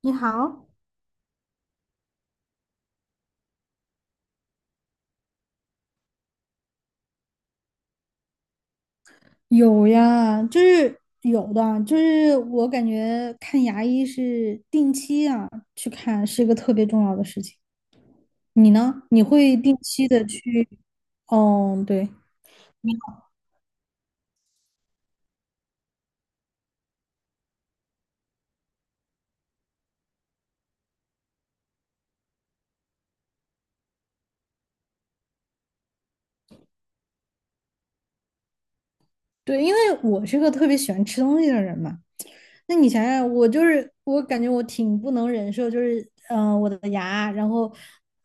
你好，有呀，就是有的，就是我感觉看牙医是定期啊去看，是一个特别重要的事情。你呢？你会定期的去？嗯，对对，因为我是个特别喜欢吃东西的人嘛。那你想想，我就是我感觉我挺不能忍受，就是我的牙，然后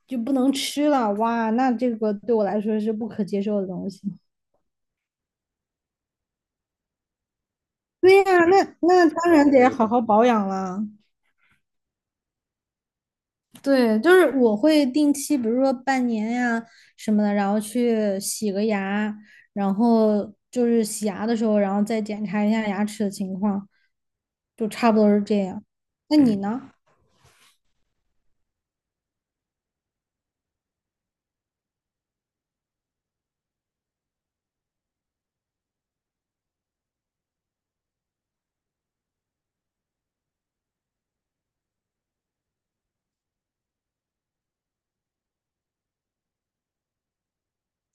就不能吃了，哇，那这个对我来说是不可接受的东西。对呀，那当然得好好保养了。对，就是我会定期，比如说半年呀什么的，然后去洗个牙，然后就是洗牙的时候，然后再检查一下牙齿的情况，就差不多是这样。那你嗯呢？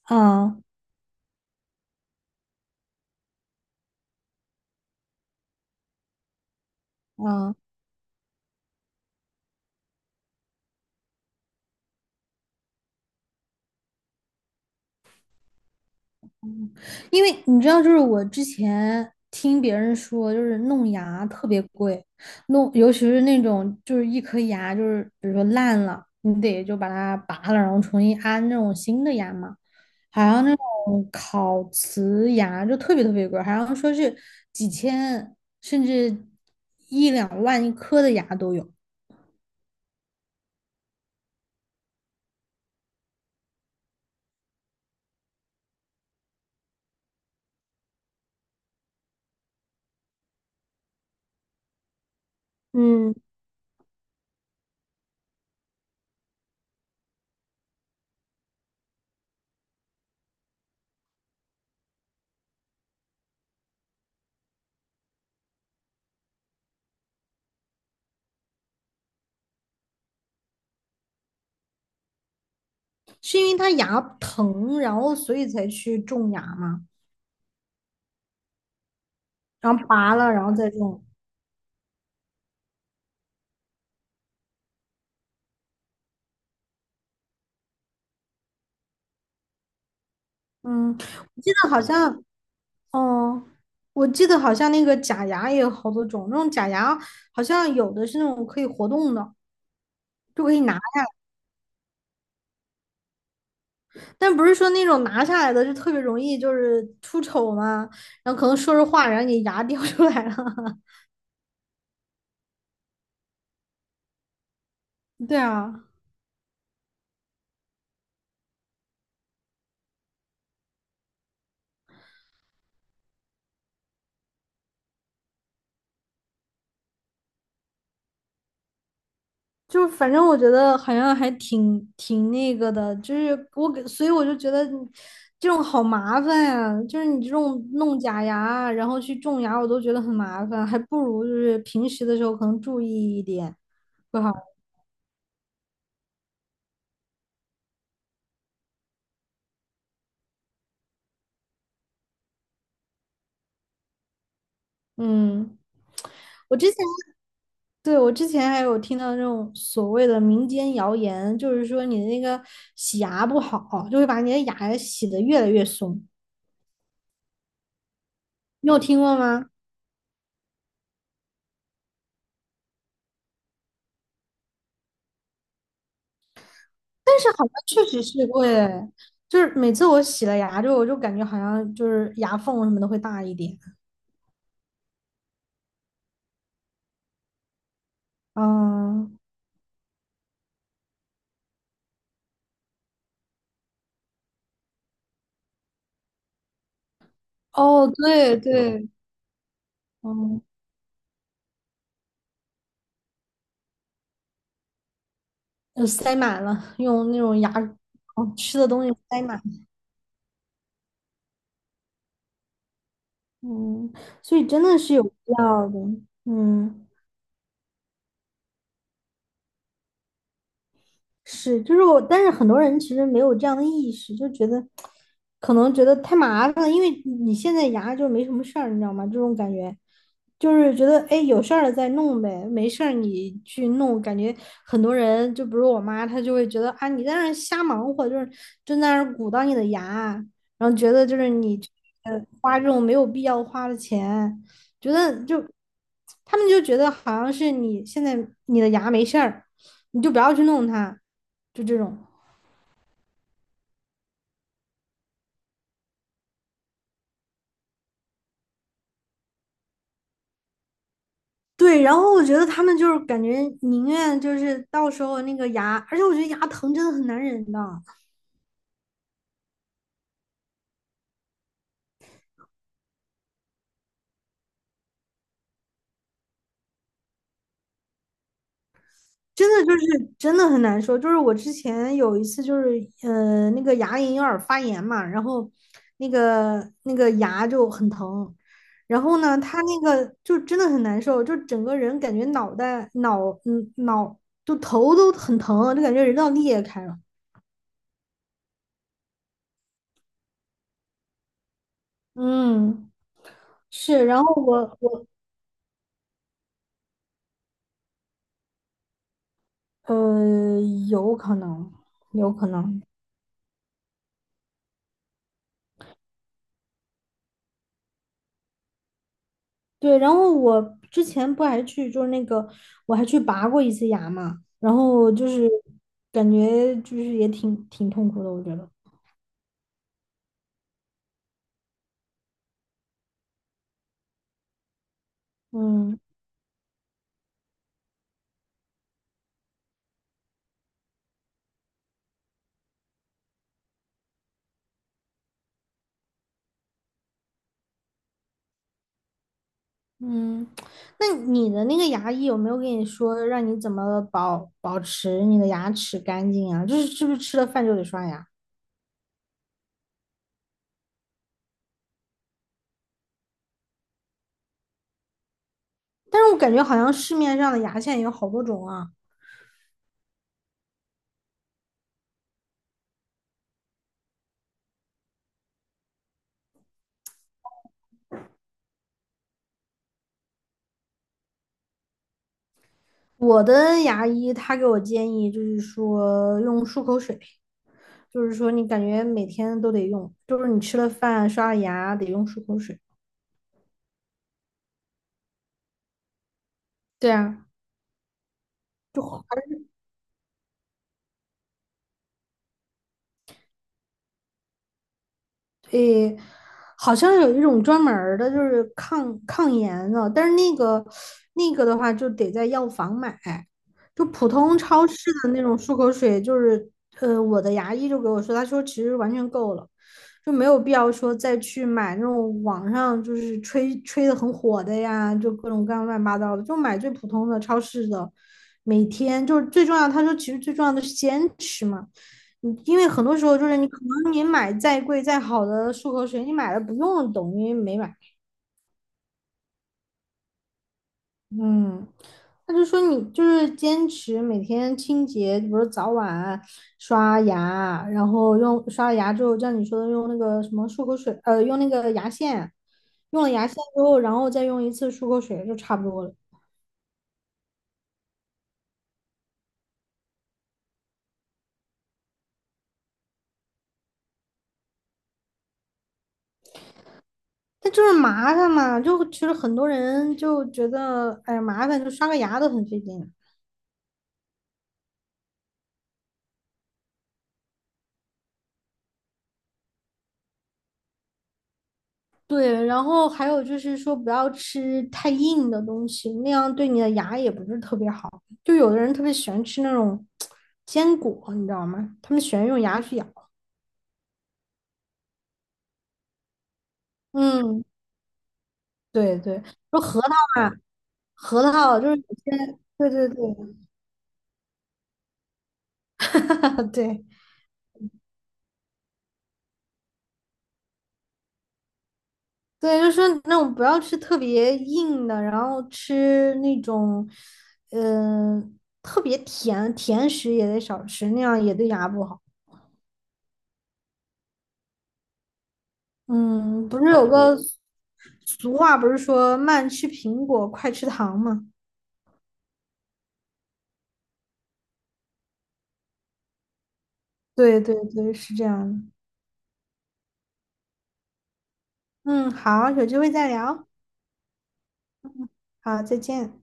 啊啊，因为你知道，就是我之前听别人说，就是弄牙特别贵，弄尤其是那种就是一颗牙就是比如说烂了，你得就把它拔了，然后重新安那种新的牙嘛。好像那种烤瓷牙就特别特别贵，好像说是几千甚至一两万一颗的牙都有。嗯，是因为他牙疼，然后所以才去种牙嘛，然后拔了，然后再种。嗯，我记得好像，嗯，我记得好像那个假牙也有好多种，那种假牙好像有的是那种可以活动的，就可以拿。但不是说那种拿下来的就特别容易就是出丑嘛，然后可能说着话，然后你牙掉出来了。对啊，就反正我觉得好像还挺那个的，就是我给，所以我就觉得这种好麻烦呀、啊就是你这种弄假牙啊，然后去种牙，我都觉得很麻烦，还不如就是平时的时候可能注意一点会好。嗯，我之前对我之前还有听到那种所谓的民间谣言，就是说你的那个洗牙不好，就会把你的牙洗得越来越松，你有听过吗？但是好像确实是会，就是每次我洗了牙之后，我就感觉好像就是牙缝什么的会大一点。嗯，哦，对对，嗯，塞满了，用那种牙，哦，吃的东西塞满。嗯，所以真的是有必要的。嗯。是，就是我，但是很多人其实没有这样的意识，就觉得可能觉得太麻烦了，因为你现在牙就没什么事儿，你知道吗？这种感觉就是觉得哎，有事儿了再弄呗，没事儿你去弄。感觉很多人，就比如我妈，她就会觉得啊，你在那儿瞎忙活，就是就在那儿鼓捣你的牙，然后觉得就是你花这种没有必要花的钱，觉得就他们就觉得好像是你现在你的牙没事儿。你就不要去弄它，就这种。对，然后我觉得他们就是感觉宁愿就是到时候那个牙，而且我觉得牙疼真的很难忍的，真的就是真的很难受。就是我之前有一次就是那个牙龈有点发炎嘛，然后那个牙就很疼，然后呢他那个就真的很难受，就整个人感觉脑袋脑嗯脑就头都很疼，就感觉人都要裂开了。嗯，是，然后我我呃，有可能，有可能，对。然后我之前不还去，就是那个我还去拔过一次牙嘛，然后就是感觉就是也挺痛苦的，我觉得。嗯嗯，那你的那个牙医有没有跟你说让你怎么保持你的牙齿干净啊？就是是不是吃了饭就得刷牙？但是我感觉好像市面上的牙线有好多种啊。我的牙医他给我建议就是说用漱口水。就是说你感觉每天都得用，就是你吃了饭、刷了牙得用漱口水。对啊，就好。诶，好像有一种专门儿的，就是抗炎的，但是那个那个的话就得在药房买，就普通超市的那种漱口水，就是呃，我的牙医就给我说，他说其实完全够了，就没有必要说再去买那种网上就是吹的很火的呀，就各种各样乱七八糟的，就买最普通的超市的，每天就是最重要，他说其实最重要的是坚持嘛。嗯，因为很多时候就是你可能你买再贵再好的漱口水，你买了不用的等于没买，嗯，他就说你就是坚持每天清洁，比如早晚刷牙，然后用刷了牙之后，像你说的用那个什么漱口水，呃，用那个牙线，用了牙线之后，然后再用一次漱口水就差不多了。但就是麻烦嘛，就其实很多人就觉得，哎呀，麻烦，就刷个牙都很费劲。对，然后还有就是说，不要吃太硬的东西，那样对你的牙也不是特别好。就有的人特别喜欢吃那种坚果，你知道吗？他们喜欢用牙去咬。嗯，对对，说核桃啊，核桃就是有些，对对对，对对，就是说那种不要吃特别硬的，然后吃那种，嗯、特别甜食也得少吃，那样也对牙不好。嗯，不是有个俗话，不是说慢吃苹果，快吃糖吗？对对对，是这样的。嗯，好，有机会再聊。好，再见。